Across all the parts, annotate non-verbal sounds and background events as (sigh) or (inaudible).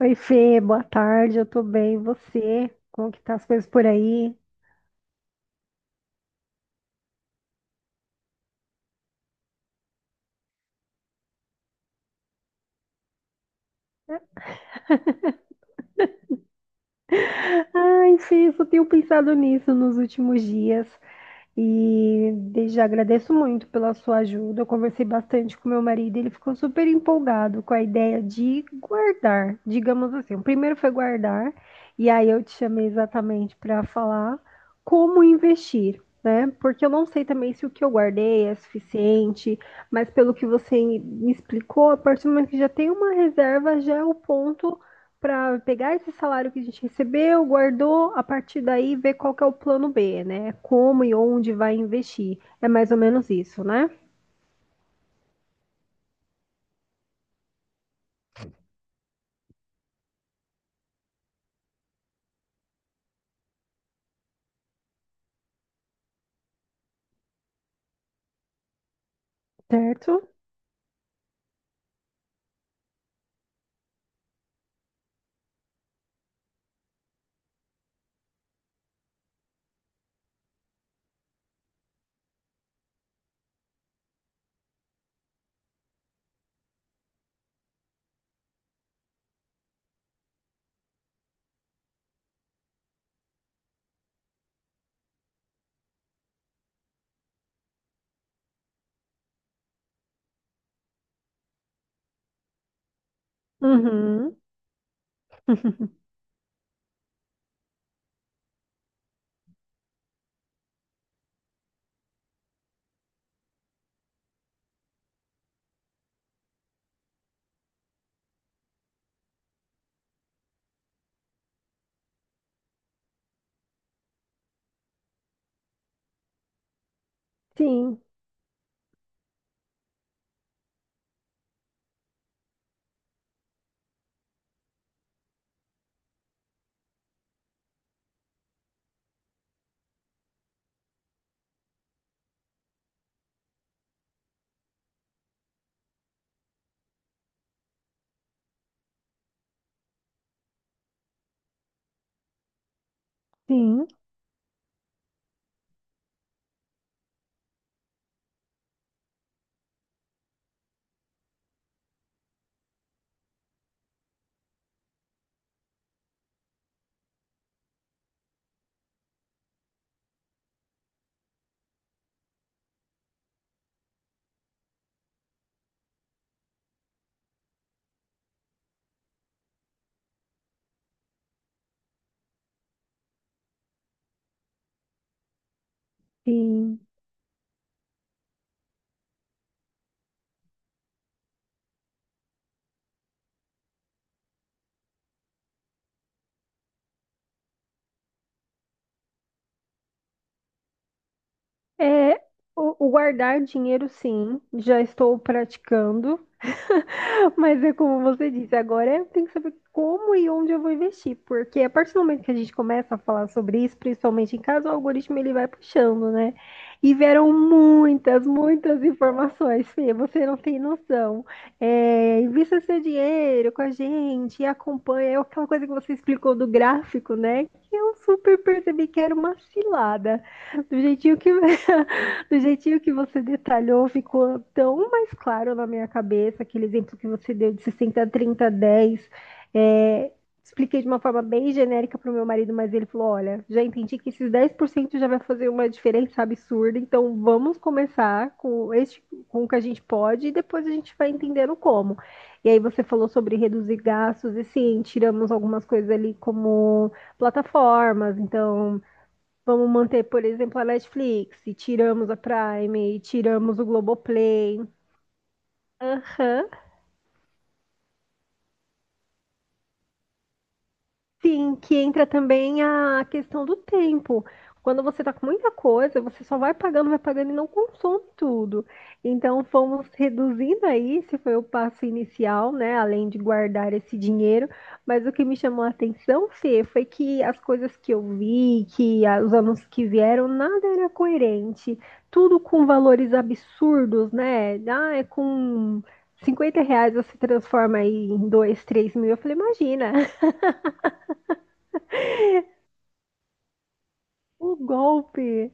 Oi, Fê, boa tarde, eu tô bem, e você? Como que tá as coisas por aí? Ai, Fê, eu só tenho pensado nisso nos últimos dias. E desde já agradeço muito pela sua ajuda. Eu conversei bastante com meu marido, ele ficou super empolgado com a ideia de guardar, digamos assim. O primeiro foi guardar, e aí eu te chamei exatamente para falar como investir, né? Porque eu não sei também se o que eu guardei é suficiente, mas pelo que você me explicou, a partir do momento que já tem uma reserva, já é o ponto para pegar esse salário que a gente recebeu, guardou, a partir daí ver qual que é o plano B, né? Como e onde vai investir. É mais ou menos isso, né? Certo? Uhum. Sim, sim, sim. É, o guardar dinheiro, sim, já estou praticando, (laughs) mas é como você disse, agora eu tenho que saber como e onde eu vou investir, porque a partir do momento que a gente começa a falar sobre isso, principalmente em casa, o algoritmo ele vai puxando, né? E vieram muitas, muitas informações, Fê, você não tem noção. É, invista seu dinheiro com a gente, acompanha, é aquela coisa que você explicou do gráfico, né? Que eu super percebi que era uma cilada. Do jeitinho que (laughs) Do jeitinho que você detalhou, ficou tão mais claro na minha cabeça aquele exemplo que você deu de 60, 30, 10. É, expliquei de uma forma bem genérica para o meu marido, mas ele falou: Olha, já entendi que esses 10% já vai fazer uma diferença absurda, então vamos começar com, este, com o que a gente pode e depois a gente vai entendendo como. E aí você falou sobre reduzir gastos, e sim, tiramos algumas coisas ali como plataformas, então vamos manter, por exemplo, a Netflix, e tiramos a Prime, e tiramos o Globoplay. Aham. Sim, que entra também a questão do tempo. Quando você tá com muita coisa, você só vai pagando e não consome tudo. Então, fomos reduzindo aí, esse foi o passo inicial, né? Além de guardar esse dinheiro. Mas o que me chamou a atenção, Fê, foi que as coisas que eu vi, os anúncios que vieram, nada era coerente. Tudo com valores absurdos, né? Ah, é com R$ 50 você transforma aí em 2, 3 mil. Eu falei, imagina. O golpe!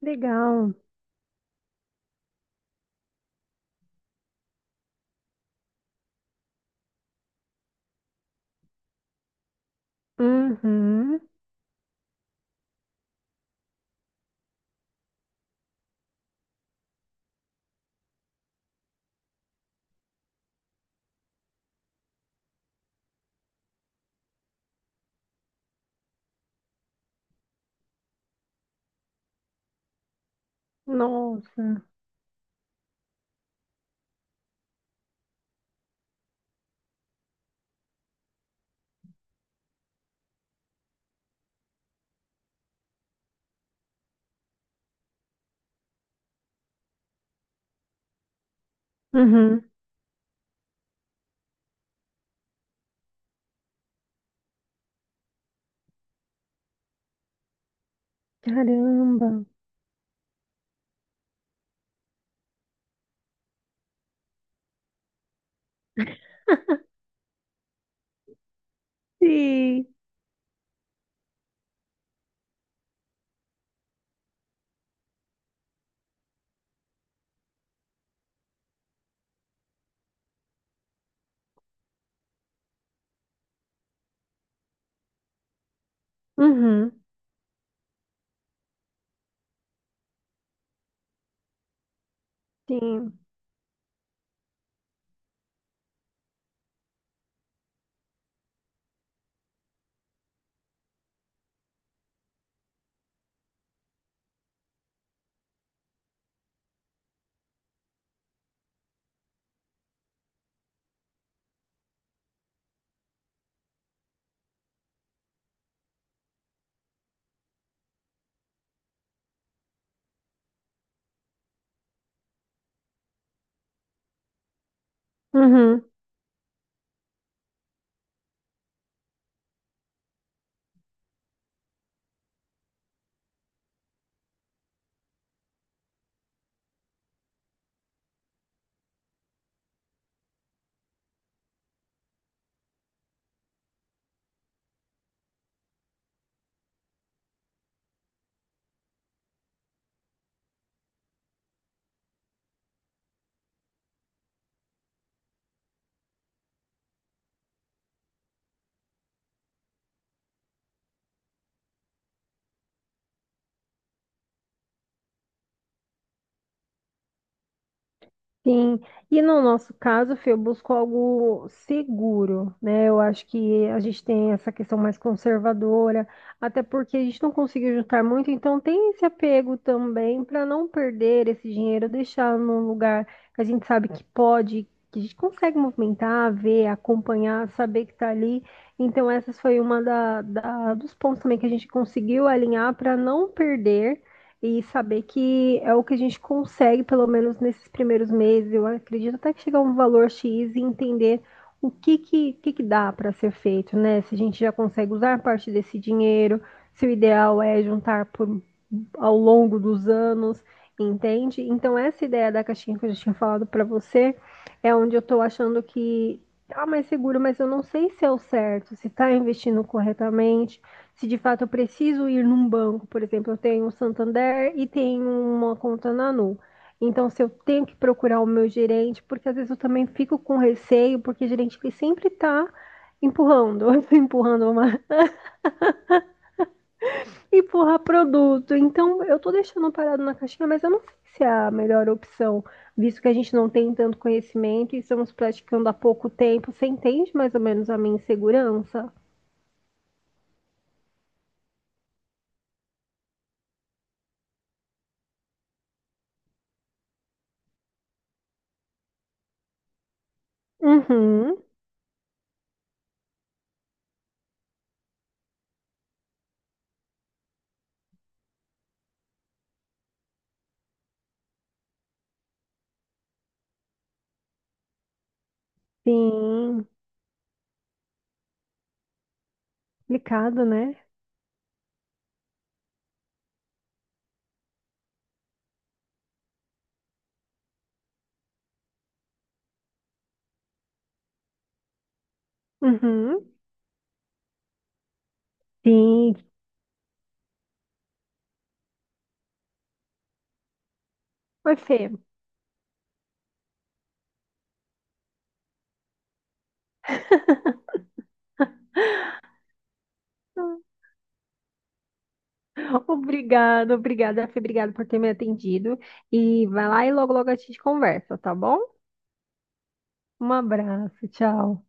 Legal. Uhum. Nossa. Uhum. Caramba. Sim. Uhum. Sim. Uhum. Sim, e no nosso caso, Fê, eu busco algo seguro, né? Eu acho que a gente tem essa questão mais conservadora, até porque a gente não conseguiu juntar muito, então tem esse apego também para não perder esse dinheiro, deixar num lugar que a gente sabe que pode, que a gente consegue movimentar, ver, acompanhar, saber que está ali. Então, essas foi dos pontos também que a gente conseguiu alinhar para não perder. E saber que é o que a gente consegue, pelo menos nesses primeiros meses, eu acredito até que chegar a um valor X e entender o que dá para ser feito, né? Se a gente já consegue usar parte desse dinheiro, se o ideal é juntar por, ao longo dos anos, entende? Então, essa ideia da caixinha que eu já tinha falado para você é onde eu estou achando que tá mais seguro, mas eu não sei se é o certo, se está investindo corretamente, se de fato eu preciso ir num banco, por exemplo, eu tenho o Santander e tenho uma conta na Nu. Então, se eu tenho que procurar o meu gerente, porque às vezes eu também fico com receio, porque o gerente ele sempre está empurrando, (laughs) empurrando uma, empurrar produto. Então, eu tô deixando parado na caixinha, mas eu não sei se é a melhor opção, visto que a gente não tem tanto conhecimento e estamos praticando há pouco tempo. Você entende mais ou menos a minha insegurança? Uhum, sim, complicado, né? Uhum. Sim. Oi, Fê. Obrigada, obrigada, Fê. Obrigada por ter me atendido. E vai lá e logo, logo a gente conversa, tá bom? Um abraço, tchau.